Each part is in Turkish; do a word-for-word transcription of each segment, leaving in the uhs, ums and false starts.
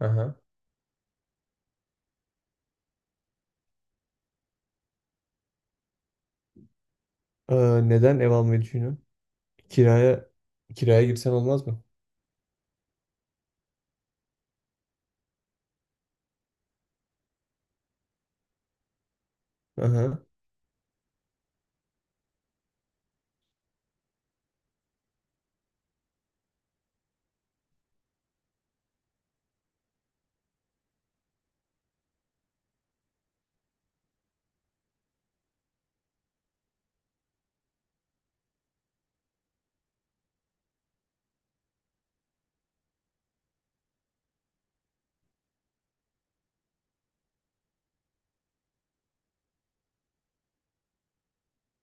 Aha. Aa, neden ev almayı düşünüyorsun? Kiraya kiraya girsen olmaz mı? Aha.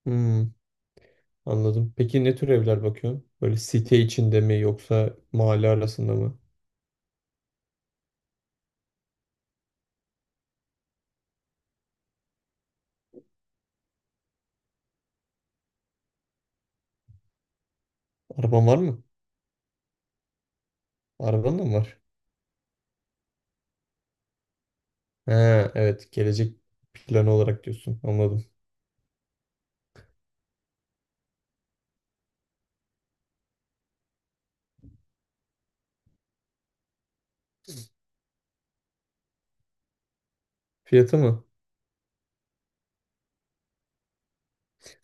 Hmm, anladım. Peki ne tür evler bakıyorsun? Böyle site içinde mi yoksa mahalle arasında mı? Araban var mı? Araban da mı var? He, evet. Gelecek planı olarak diyorsun. Anladım. Fiyatı mı?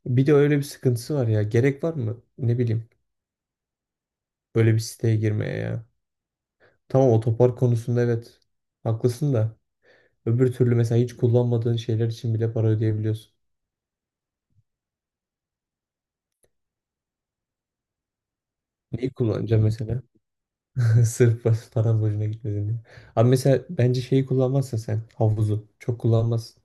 Bir de öyle bir sıkıntısı var ya. Gerek var mı? Ne bileyim. Böyle bir siteye girmeye ya. Tamam, otopark konusunda evet. Haklısın da. Öbür türlü mesela hiç kullanmadığın şeyler için bile para ödeyebiliyorsun. Neyi kullanacağım mesela? Sırf pas- param boşuna gitmesin diye. Abi mesela bence şeyi kullanmazsın sen. Havuzu. Çok kullanmazsın.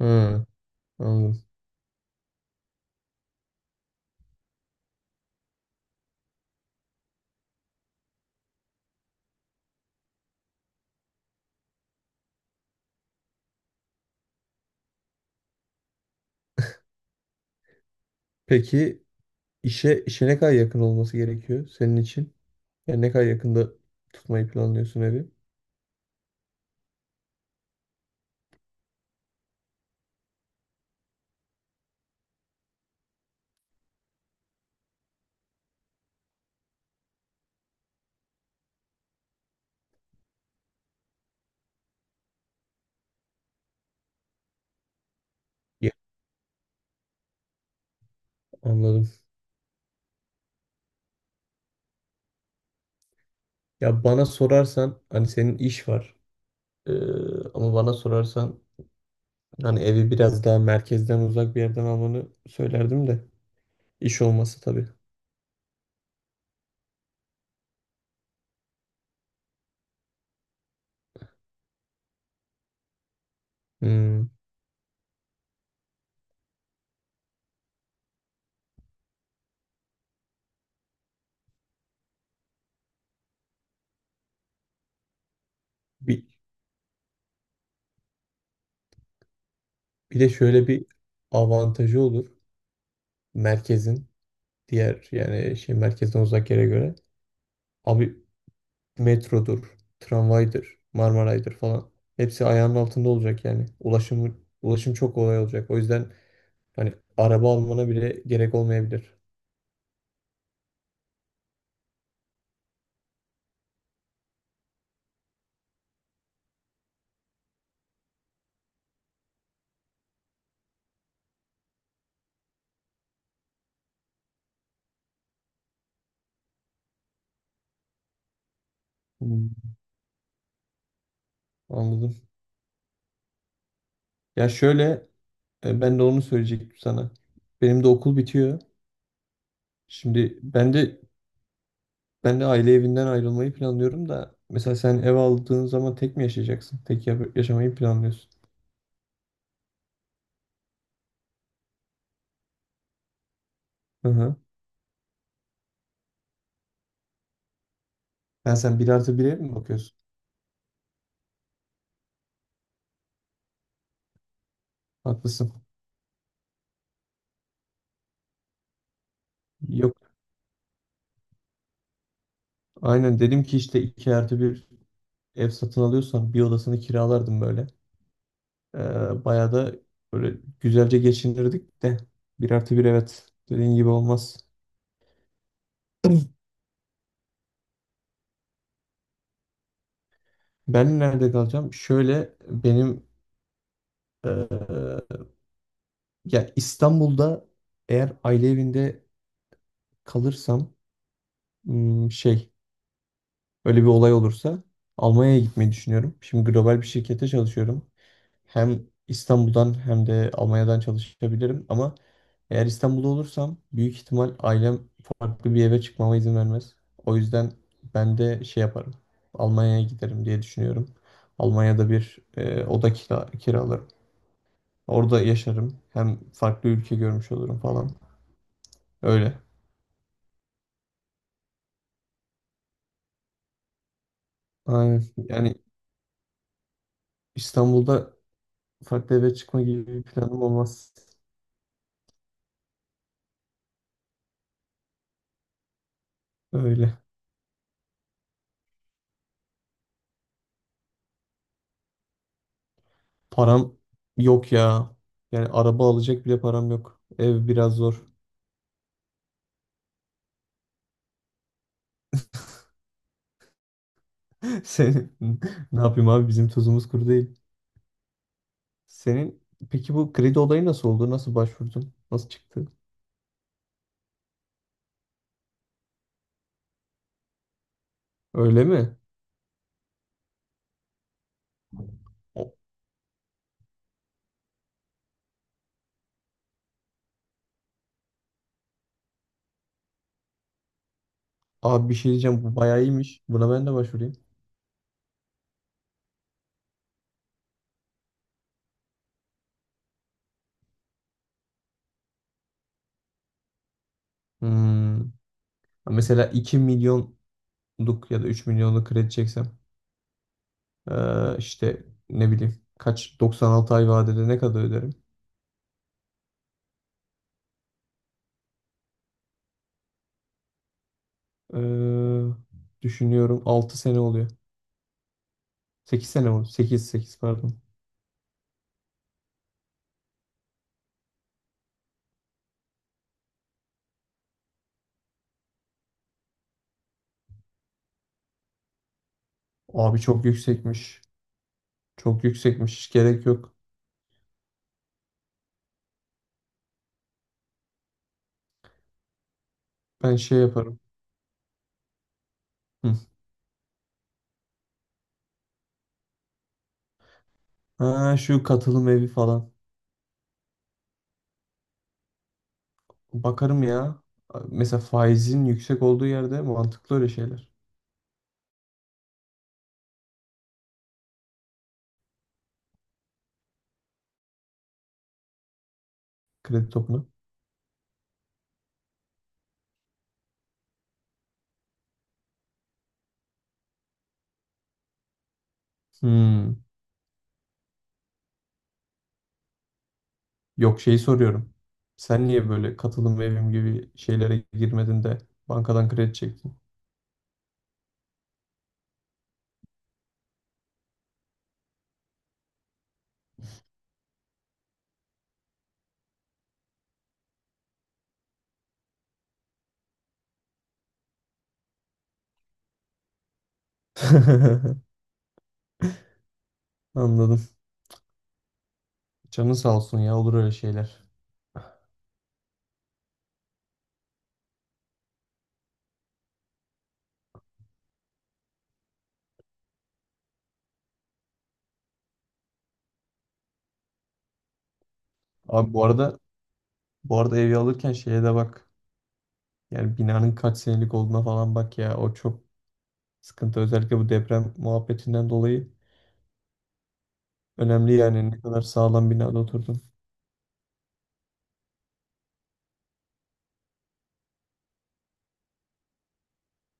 Hı, anladım. Peki işe, işe ne kadar yakın olması gerekiyor senin için? Yani ne kadar yakında tutmayı planlıyorsun evi? Ya, anladım. Ya bana sorarsan hani senin iş var. Ee, ama bana sorarsan hani evi biraz daha merkezden uzak bir yerden almanı söylerdim de iş olması tabii. Hmm. Bir, bir de şöyle bir avantajı olur merkezin diğer yani şey merkezden uzak yere göre. Abi metrodur, tramvaydır, Marmaray'dır falan. Hepsi ayağının altında olacak yani. Ulaşım ulaşım çok kolay olacak. O yüzden hani araba almana bile gerek olmayabilir. Hmm. Anladım. Ya şöyle e, ben de onu söyleyecektim sana. Benim de okul bitiyor. Şimdi ben de Ben de aile evinden ayrılmayı planlıyorum da mesela sen ev aldığın zaman tek mi yaşayacaksın? Tek ya- yaşamayı planlıyorsun. Hı hı. Yani sen bir artı bir ev mi bakıyorsun? Haklısın. Yok. Aynen dedim ki işte iki artı bir ev satın alıyorsam bir odasını kiralardım böyle. Ee, bayağı da böyle güzelce geçinirdik de bir artı bir evet dediğin gibi olmaz. Ben nerede kalacağım? Şöyle benim eee, ya İstanbul'da eğer aile evinde kalırsam hmm, şey öyle bir olay olursa Almanya'ya gitmeyi düşünüyorum. Şimdi global bir şirkete çalışıyorum. Hem İstanbul'dan hem de Almanya'dan çalışabilirim, ama eğer İstanbul'da olursam büyük ihtimal ailem farklı bir eve çıkmama izin vermez. O yüzden ben de şey yaparım. Almanya'ya giderim diye düşünüyorum. Almanya'da bir e, oda kira, kiralarım. Orada yaşarım. Hem farklı ülke görmüş olurum falan. Öyle. Aynen. Yani İstanbul'da farklı eve çıkma gibi bir planım olmaz. Öyle. Param yok ya. Yani araba alacak bile param yok. Ev biraz zor. Senin ne yapayım abi, bizim tuzumuz kuru değil. Senin peki bu kredi olayı nasıl oldu? Nasıl başvurdun? Nasıl çıktı? Öyle mi? O- Abi bir şey diyeceğim, bu bayağı iyiymiş. Buna ben de başvurayım. Hmm. Mesela iki milyonluk ya da üç milyonluk kredi çeksem, ee, işte ne bileyim kaç doksan altı ay vadede ne kadar öderim? Ee, düşünüyorum altı sene oluyor. Sekiz sene oldu. sekiz sekiz pardon. Abi çok yüksekmiş. Çok yüksekmiş. Hiç gerek yok. Ben şey yaparım. Hı. Ha, şu katılım evi falan. Bakarım ya. Mesela faizin yüksek olduğu yerde mantıklı öyle şeyler. Kredi topuna. Hmm. Yok şeyi soruyorum. Sen niye böyle katılım evim gibi şeylere girmedin de bankadan kredi çektin? Anladım. Canın sağ olsun ya, olur öyle şeyler. Abi bu arada bu arada evi alırken şeye de bak. Yani binanın kaç senelik olduğuna falan bak ya. O çok sıkıntı, özellikle bu deprem muhabbetinden dolayı önemli, yani ne kadar sağlam binada oturdun.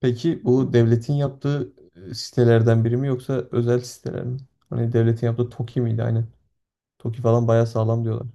Peki bu devletin yaptığı e, sitelerden biri mi yoksa özel siteler mi? Hani devletin yaptığı TOKİ miydi aynen. TOKİ falan bayağı sağlam diyorlar.